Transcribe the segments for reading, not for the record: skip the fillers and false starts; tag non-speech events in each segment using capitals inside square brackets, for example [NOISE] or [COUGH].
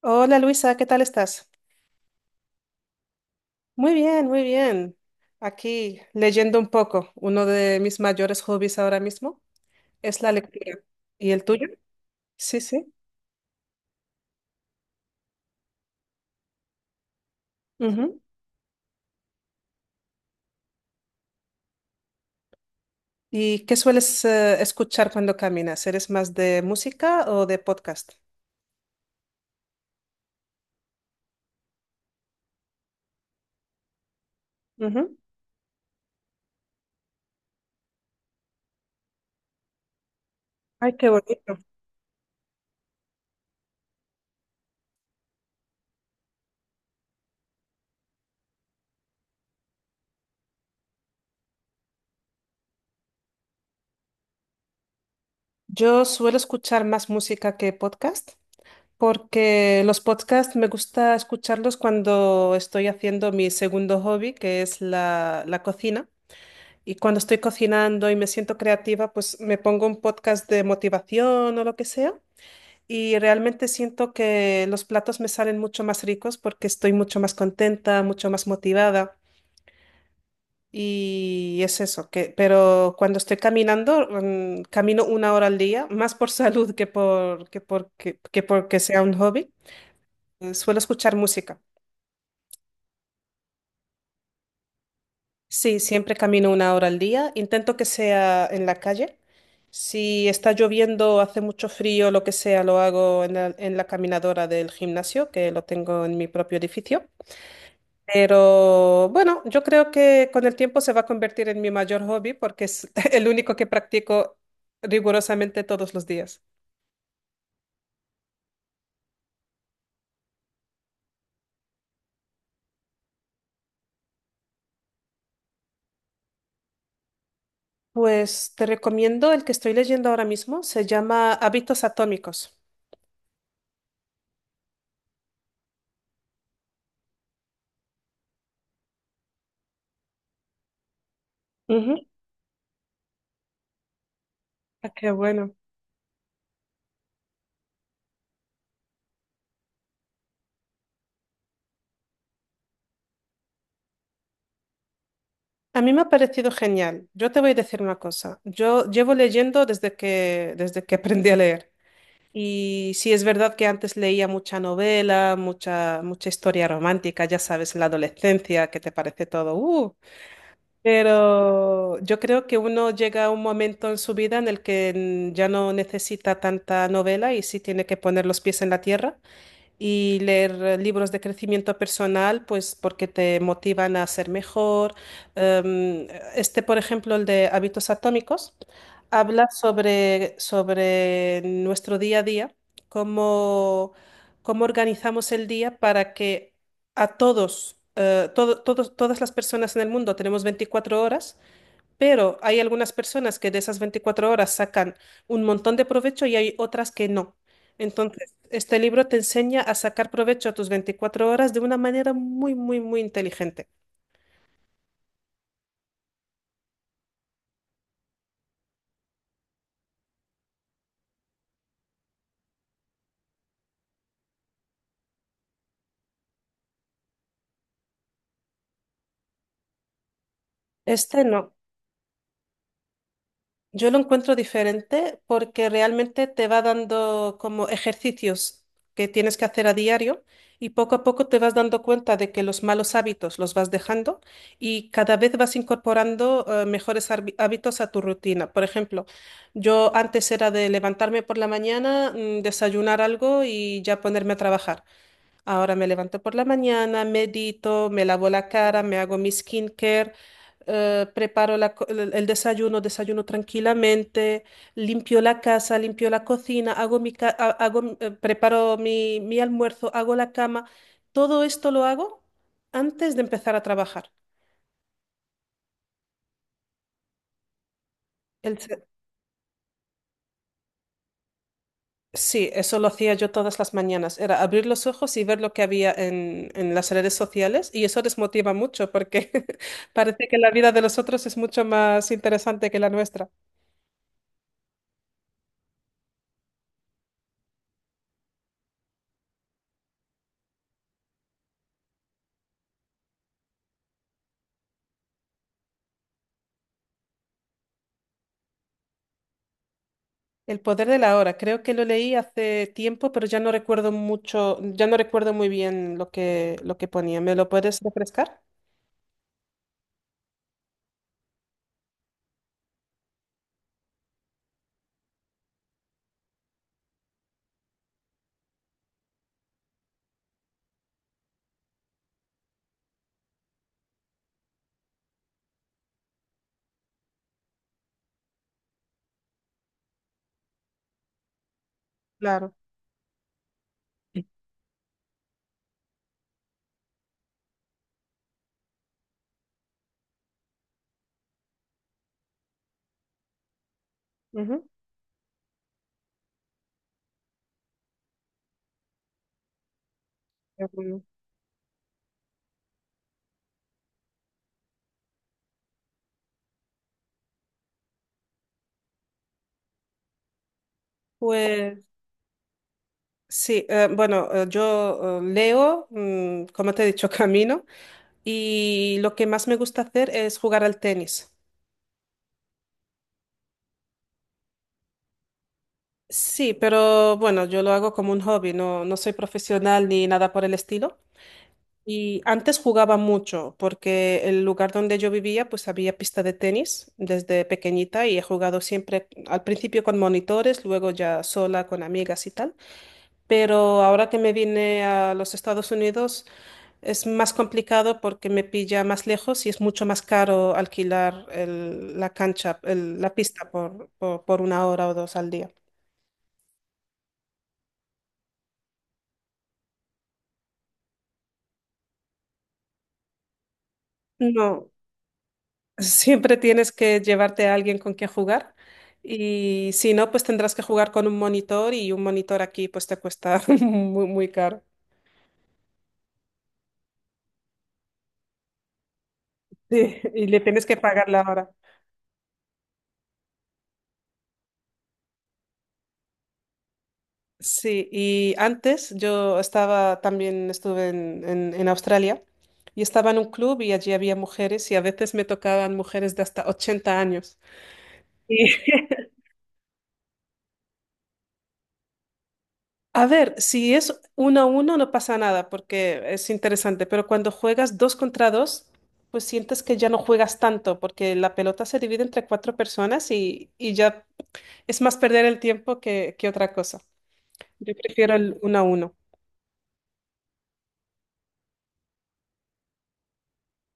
Hola Luisa, ¿qué tal estás? Muy bien, muy bien. Aquí leyendo un poco. Uno de mis mayores hobbies ahora mismo es la lectura. ¿Y el tuyo? Sí, sí. Ujú. ¿Y qué sueles escuchar cuando caminas? ¿Eres más de música o de podcast? Ujú. Ay, qué bonito. Yo suelo escuchar más música que podcast porque los podcasts me gusta escucharlos cuando estoy haciendo mi segundo hobby, que es la cocina. Y cuando estoy cocinando y me siento creativa, pues me pongo un podcast de motivación o lo que sea. Y realmente siento que los platos me salen mucho más ricos porque estoy mucho más contenta, mucho más motivada. Y es eso, que, pero cuando estoy caminando, camino una hora al día, más por [LAUGHS] salud que por, que por, que, que porque sea un hobby. Suelo escuchar música. Sí, siempre camino una hora al día. Intento que sea en la calle. Si está lloviendo, hace mucho frío, lo que sea, lo hago en la caminadora del gimnasio, que lo tengo en mi propio edificio. Pero bueno, yo creo que con el tiempo se va a convertir en mi mayor hobby porque es [LAUGHS] el único que practico rigurosamente todos los días. Pues te recomiendo el que estoy leyendo ahora mismo, se llama Hábitos Atómicos. Ujú. Ah, qué bueno. A mí me ha parecido genial. Yo te voy a decir una cosa. Yo llevo leyendo desde que aprendí a leer. Y sí es verdad que antes leía mucha novela, mucha, mucha historia romántica, ya sabes, la adolescencia, que te parece todo. Pero yo creo que uno llega a un momento en su vida en el que ya no necesita tanta novela y sí tiene que poner los pies en la tierra y leer libros de crecimiento personal, pues porque te motivan a ser mejor. Em, este, por ejemplo, el de hábitos atómicos, habla sobre nuestro día a día, cómo, cómo organizamos el día para que a todos, todo- todos, todas las personas en el mundo tenemos 24 horas, pero hay algunas personas que de esas 24 horas sacan un montón de provecho y hay otras que no. Entonces, este libro te enseña a sacar provecho a tus 24 horas de una manera muy, muy, muy inteligente. Este no. Yo lo encuentro diferente porque realmente te va dando como ejercicios que tienes que hacer a diario y poco a poco te vas dando cuenta de que los malos hábitos los vas dejando y cada vez vas incorporando mejores hábitos a tu rutina. Por ejemplo, yo antes era de levantarme por la mañana, desayunar algo y ya ponerme a trabajar. Ahora me levanto por la mañana, medito, me lavo la cara, me hago mi skincare, el desayuno, desayuno tranquilamente, limpio la casa, limpio la cocina, hago mi ca- ha- hago, mi- preparo mi almuerzo, hago la cama. Todo esto lo hago antes de empezar a trabajar. Sí, eso lo hacía yo todas las mañanas. Era abrir los ojos y ver lo que había en las redes sociales y eso desmotiva mucho porque [LAUGHS] parece que la vida de los otros es mucho más interesante que la nuestra. El poder de la hora, creo que lo leí hace tiempo, pero ya no recuerdo mucho, ya no recuerdo muy bien lo que ponía. ¿Me lo puedes refrescar? Claro. Ujú. Qué bueno. Pues sí, bueno, yo leo, como te he dicho, [LAUGHS] camino. Y lo que más me gusta hacer es jugar al tenis. Sí, pero bueno, yo lo hago como un hobby, no, no soy profesional ni nada por el estilo. Y antes jugaba mucho porque el lugar donde yo vivía pues había pista de tenis desde pequeñita y he jugado siempre al principio con monitores, luego ya sola con amigas y tal. Pero ahora que me vine a los Estados Unidos, es más complicado porque me pilla más lejos y es mucho más caro alquilar la cancha, la pista por una hora o dos al día. No, siempre tienes que llevarte a alguien con quien jugar y si no, pues tendrás que jugar con un monitor y un monitor aquí pues te cuesta [LAUGHS] muy, muy caro. Sí, y le tienes que pagar la hora. Sí, y antes yo estaba también, estuve en Australia y estaba en un club y allí había mujeres y a veces me tocaban mujeres de hasta 80 años. Y [LAUGHS] a ver, si es uno a uno no pasa nada porque es interesante, pero cuando juegas dos contra dos, pues sientes que ya no juegas tanto porque la pelota se divide entre cuatro personas y ya es más perder el tiempo que otra cosa. Yo prefiero el uno a uno.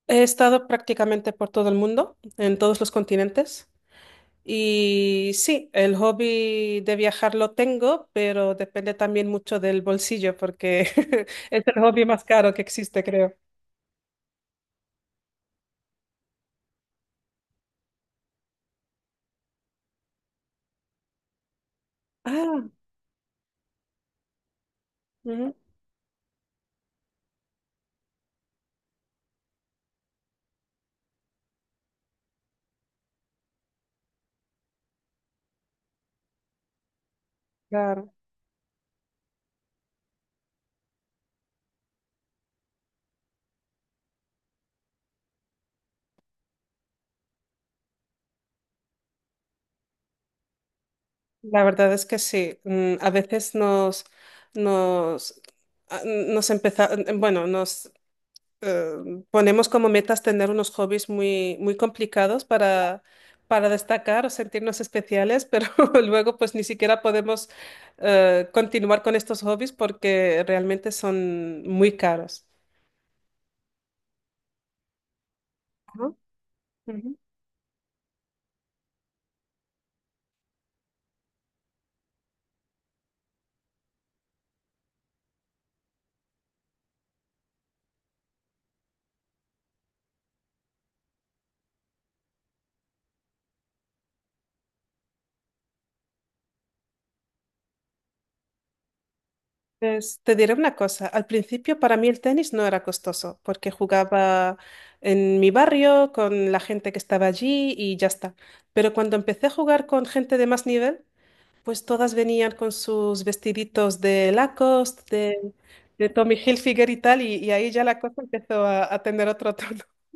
He estado prácticamente por todo el mundo, en todos los continentes. Y sí, el hobby de viajar lo tengo, pero depende también mucho del bolsillo, porque [LAUGHS] es el hobby más caro que existe, creo. Ah, ujú, claro. La verdad es que sí. A veces nos, nos, a- nos empezamos, bueno, nos ponemos como metas tener unos hobbies muy, muy complicados para destacar o sentirnos especiales, pero [LAUGHS] luego pues ni siquiera podemos continuar con estos hobbies porque realmente son muy caros. Ajá, ujú. Pues, te diré una cosa, al principio para mí el tenis no era costoso porque jugaba en mi barrio con la gente que estaba allí y ya está. Pero cuando empecé a jugar con gente de más nivel, pues todas venían con sus vestiditos de Lacoste, de Tommy Hilfiger y tal, y ahí ya la cosa empezó a tener otro tono. [LAUGHS]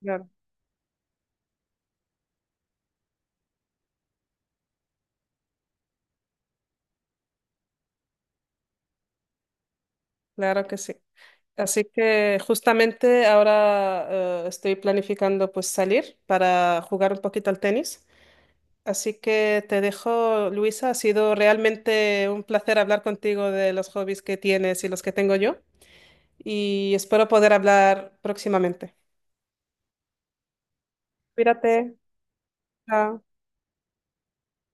Claro, claro que sí. Así que justamente ahora estoy planificando pues salir para jugar un poquito al tenis. Así que te dejo, Luisa. Ha sido realmente un placer hablar contigo de los hobbies que tienes y los que tengo yo. Y espero poder hablar próximamente. Cuídate. Chao.